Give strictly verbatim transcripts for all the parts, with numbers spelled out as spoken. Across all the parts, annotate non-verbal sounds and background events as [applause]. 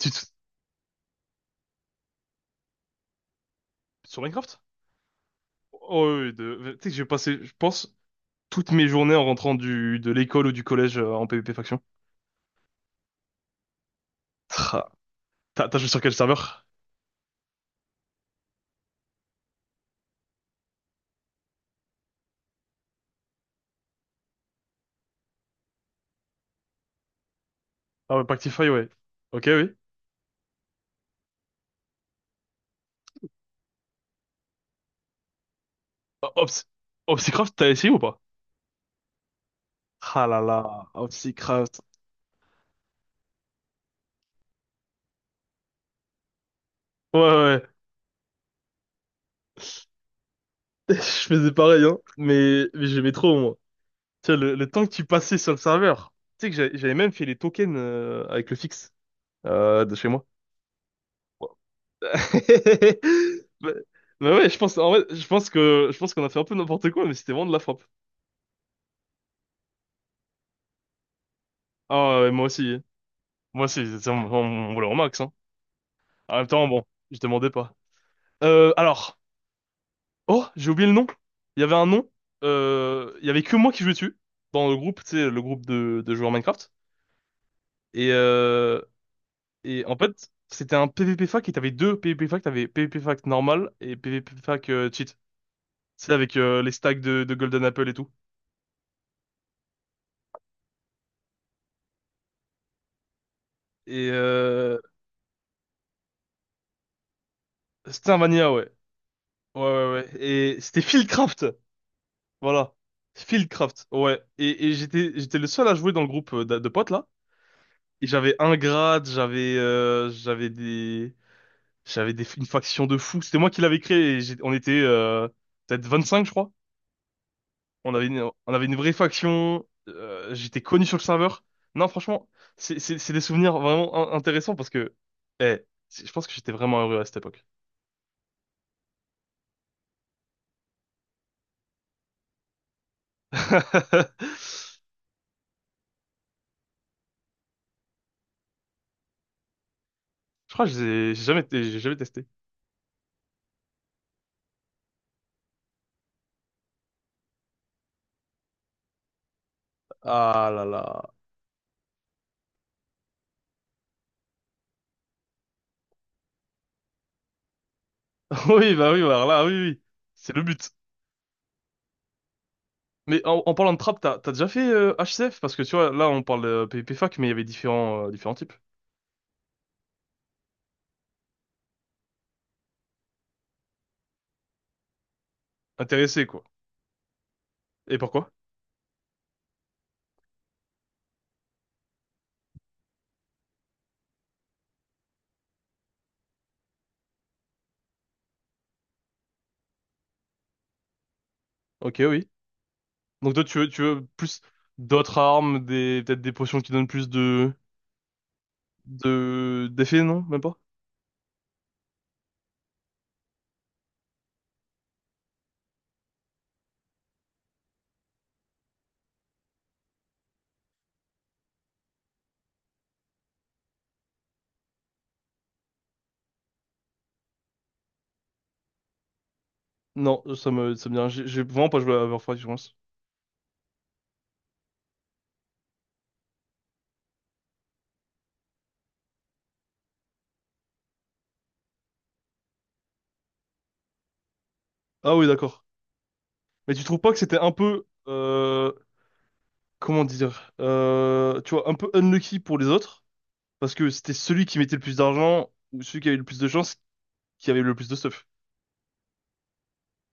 Tu te- Sur Minecraft? Oh, oui, oui, de... Tu sais que j'ai passé, je pense, toutes mes journées en rentrant du... de l'école ou du collège euh, en PvP faction. Tra. T'as t'as joué sur quel serveur? Ah ouais, Pactify, ouais. Ok, oui. O- Ops... Opsicraft, t'as essayé ou pas? Ah là là, Opsicraft. Ouais, ouais. [laughs] Je faisais pareil, hein. Mais, mais j'aimais trop, moi. Tu sais, le... le temps que tu passais sur le serveur. Tu sais que j'avais j'avais même fait les tokens euh, avec le fixe euh, de chez moi. [laughs] Bah, bah ouais, je pense, en vrai, je pense que, je pense qu'on a fait un peu n'importe quoi, mais c'était vraiment de la frappe. Ah ouais, moi aussi. Moi aussi, c'est mon, mon voleur au max, hein. En même temps, bon, je demandais pas. Euh, alors. Oh, j'ai oublié le nom. Il y avait un nom. Euh, il y avait que moi qui jouais dessus. Dans le groupe, tu sais, le groupe de, de joueurs Minecraft. Et, euh, et en fait, c'était un PvP fac et t'avais deux PvP fac. T'avais PvP fac normal et PvP fac euh, cheat. C'est avec euh, les stacks de, de Golden Apple et tout. Et euh, c'était un mania, ouais. Ouais, ouais, ouais. Et c'était Fieldcraft. Voilà. Fieldcraft. Ouais. Et, et, j'étais, j'étais le seul à jouer dans le groupe euh, de, de potes, là. Et j'avais un grade, j'avais, euh, j'avais des, j'avais des, une faction de fous. C'était moi qui l'avais créé, et j'ai- on était, euh, peut-être vingt-cinq, je crois. On avait une, on avait une vraie faction. euh, j'étais connu sur le serveur. Non, franchement, c'est, c'est, c'est des souvenirs vraiment in- intéressants parce que, eh, c'est- je pense que j'étais vraiment heureux à cette époque. [laughs] Je crois que j'ai j'ai jamais, j'ai jamais testé. Ah là là. [laughs] Oui, bah oui, bah alors là, oui, oui. C'est le but. Mais en, en parlant de trap, t'as, t'as déjà fait euh, H C F? Parce que tu vois, là, on parle de PvP fac, mais il y avait différents, euh, différents types. Intéressés, quoi. Et pourquoi? Ok, oui. Donc toi, tu veux, tu veux plus d'autres armes, des, peut-être des potions qui donnent plus de, de, d'effets, non? Même pas? Non, ça me, ça me dit rien. J'ai j'ai vraiment pas joué à Overwatch, je pense. Ah oui, d'accord. Mais tu trouves pas que c'était un peu, euh, comment dire, euh, tu vois, un peu unlucky pour les autres? Parce que c'était celui qui mettait le plus d'argent ou celui qui avait le plus de chance qui avait le plus de stuff.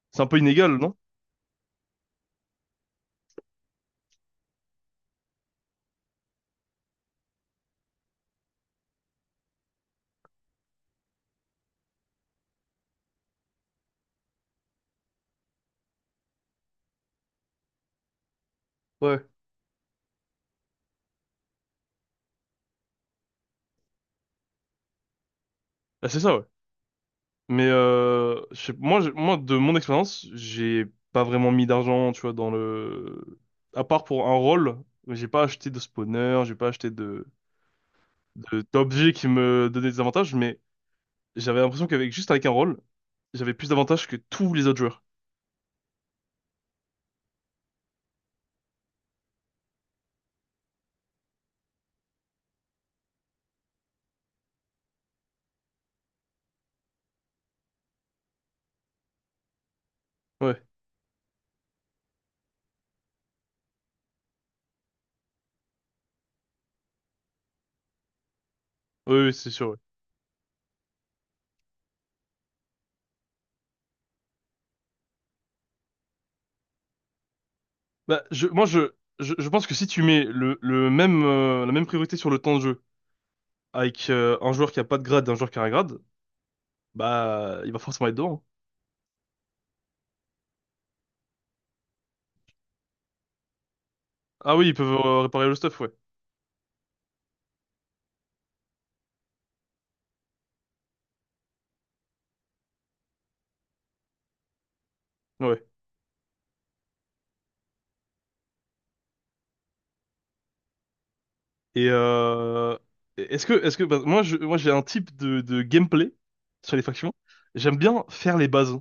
C'est un peu inégal, non? Ouais. Ah, c'est ça, ouais. Mais euh, je sais- moi, je- moi, de mon expérience, j'ai pas vraiment mis d'argent, tu vois. dans le... À part pour un rôle, j'ai pas acheté de spawner, j'ai pas acheté de, de, d'objets qui me donnaient des avantages, mais j'avais l'impression qu'avec juste avec un rôle, j'avais plus d'avantages que tous les autres joueurs. Ouais, oui, oui, c'est sûr, ouais. Bah, je, moi, je, je, je pense que si tu mets le, le même, euh, la même priorité sur le temps de jeu, avec euh, un joueur qui a pas de grade et un joueur qui a un grade, bah il va forcément être devant, hein. Ah oui, ils peuvent euh, réparer le stuff, ouais. Ouais. Ouais. Et euh, est-ce que est-ce que bah, moi je moi j'ai un type de, de gameplay sur les factions. J'aime bien faire les bases.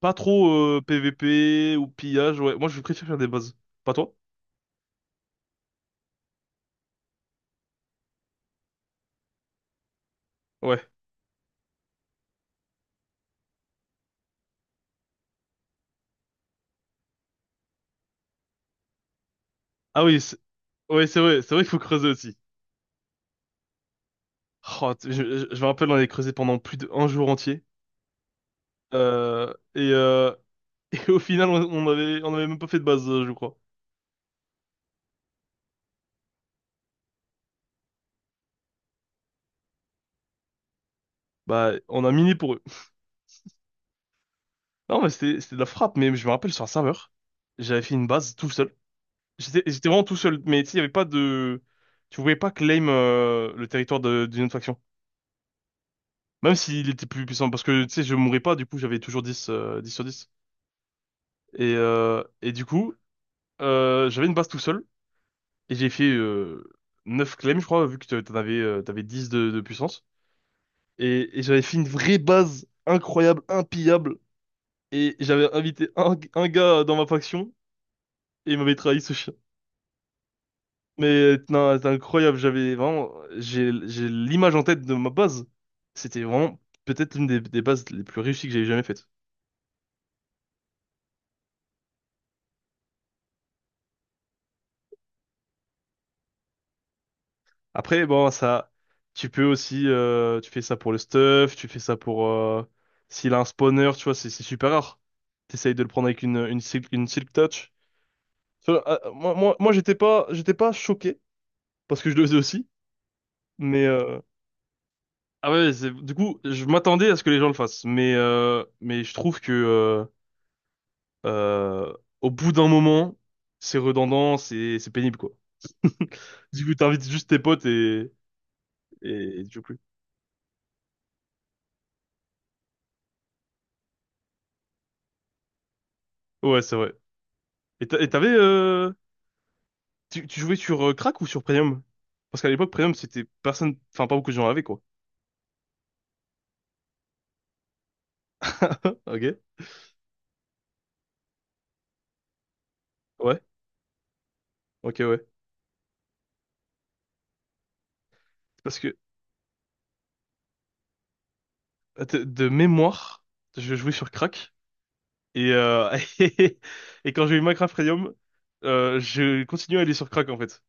Pas trop euh, P V P ou pillage, ouais. Moi je préfère faire des bases. Pas toi? Ouais. Ah oui, c'est ouais, c'est vrai, c'est vrai qu'il faut creuser aussi. Oh, t- je, je, je me rappelle, on avait creusé pendant plus d'un jour entier. Euh, et, euh, [laughs] et au final, on, on avait, on avait même pas fait de base, euh, je crois. Bah, on a miné pour eux. Non, mais c'était c'était de la frappe, mais je me rappelle sur un serveur, j'avais fait une base tout seul. J'étais j'étais vraiment tout seul, mais tu sais, il y avait pas de... Tu pouvais pas claim euh, le territoire de- d'une autre faction. Même s'il était plus puissant, parce que, tu sais, je mourais pas, du coup, j'avais toujours dix euh, dix sur dix. Et, euh, et du coup, euh, j'avais une base tout seul, et j'ai fait euh, neuf claims, je crois, vu que t'en avais, euh, t'avais dix de, de puissance. Et, et j'avais fait une vraie base incroyable, impillable, et j'avais invité un, un gars dans ma faction. Il m'avait trahi, ce chien. Mais euh, non, c'est incroyable. J'avais vraiment, j'ai, j'ai l'image en tête de ma base. C'était vraiment peut-être une des, des bases les plus réussies que j'ai jamais faites. Après, bon, ça, tu peux aussi, euh, tu fais ça pour le stuff, tu fais ça pour, euh, s'il a un spawner, tu vois, c'est c'est super rare. T'essayes de le prendre avec une, une silk, une silk touch. Tu vois, euh, moi, moi, moi, j'étais pas, j'étais pas choqué parce que je le faisais aussi, mais euh, ah ouais, c'est- du coup, je m'attendais à ce que les gens le fassent, mais euh, mais je trouve que euh, au bout d'un moment, c'est redondant, c'est c'est pénible quoi. Du coup, t'invites juste tes potes et et, tu joues plus. Ouais, c'est vrai. Et t'a- et t'avais euh, tu, Tu jouais sur euh, Crack ou sur Premium? Parce qu'à l'époque, Premium, c'était personne, enfin pas beaucoup de gens avaient quoi. [laughs] Ok. Ouais. Ok, ouais. Parce que de, de mémoire, je jouais sur Crack et euh, [laughs] et quand j'ai eu Minecraft Premium, euh, je continuais à aller sur Crack en fait.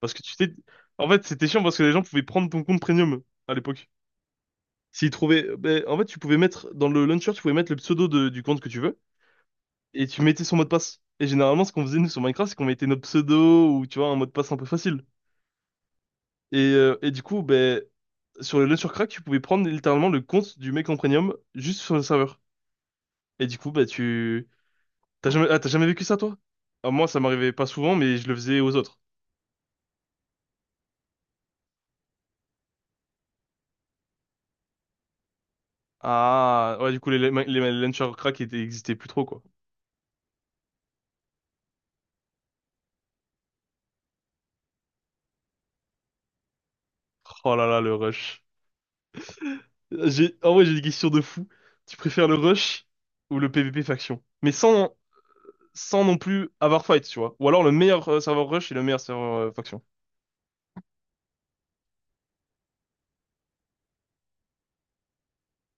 Parce que tu t'es, En fait, c'était chiant parce que les gens pouvaient prendre ton compte Premium à l'époque. S'il trouvait, ben, en fait, tu pouvais mettre dans le launcher, tu pouvais mettre le pseudo de- du compte que tu veux et tu mettais son mot de passe. Et généralement, ce qu'on faisait nous sur Minecraft, c'est qu'on mettait nos pseudos ou tu vois un mot de passe un peu facile. Et, euh, et du coup, ben, sur le launcher crack, tu pouvais prendre littéralement le compte du mec en premium juste sur le serveur. Et du coup, ben, tu t'as jamais ah, t'as jamais vécu ça, toi? Ah, moi, ça m'arrivait pas souvent, mais je le faisais aux autres. Ah ouais, du coup, les, les, les launcher crack étaient- existaient plus trop quoi. Oh là là, le rush. J'ai, en vrai, j'ai des questions de fou. Tu préfères le rush ou le PvP faction? Mais sans, sans non plus avoir fight, tu vois. Ou alors le meilleur euh, serveur rush et le meilleur serveur euh, faction.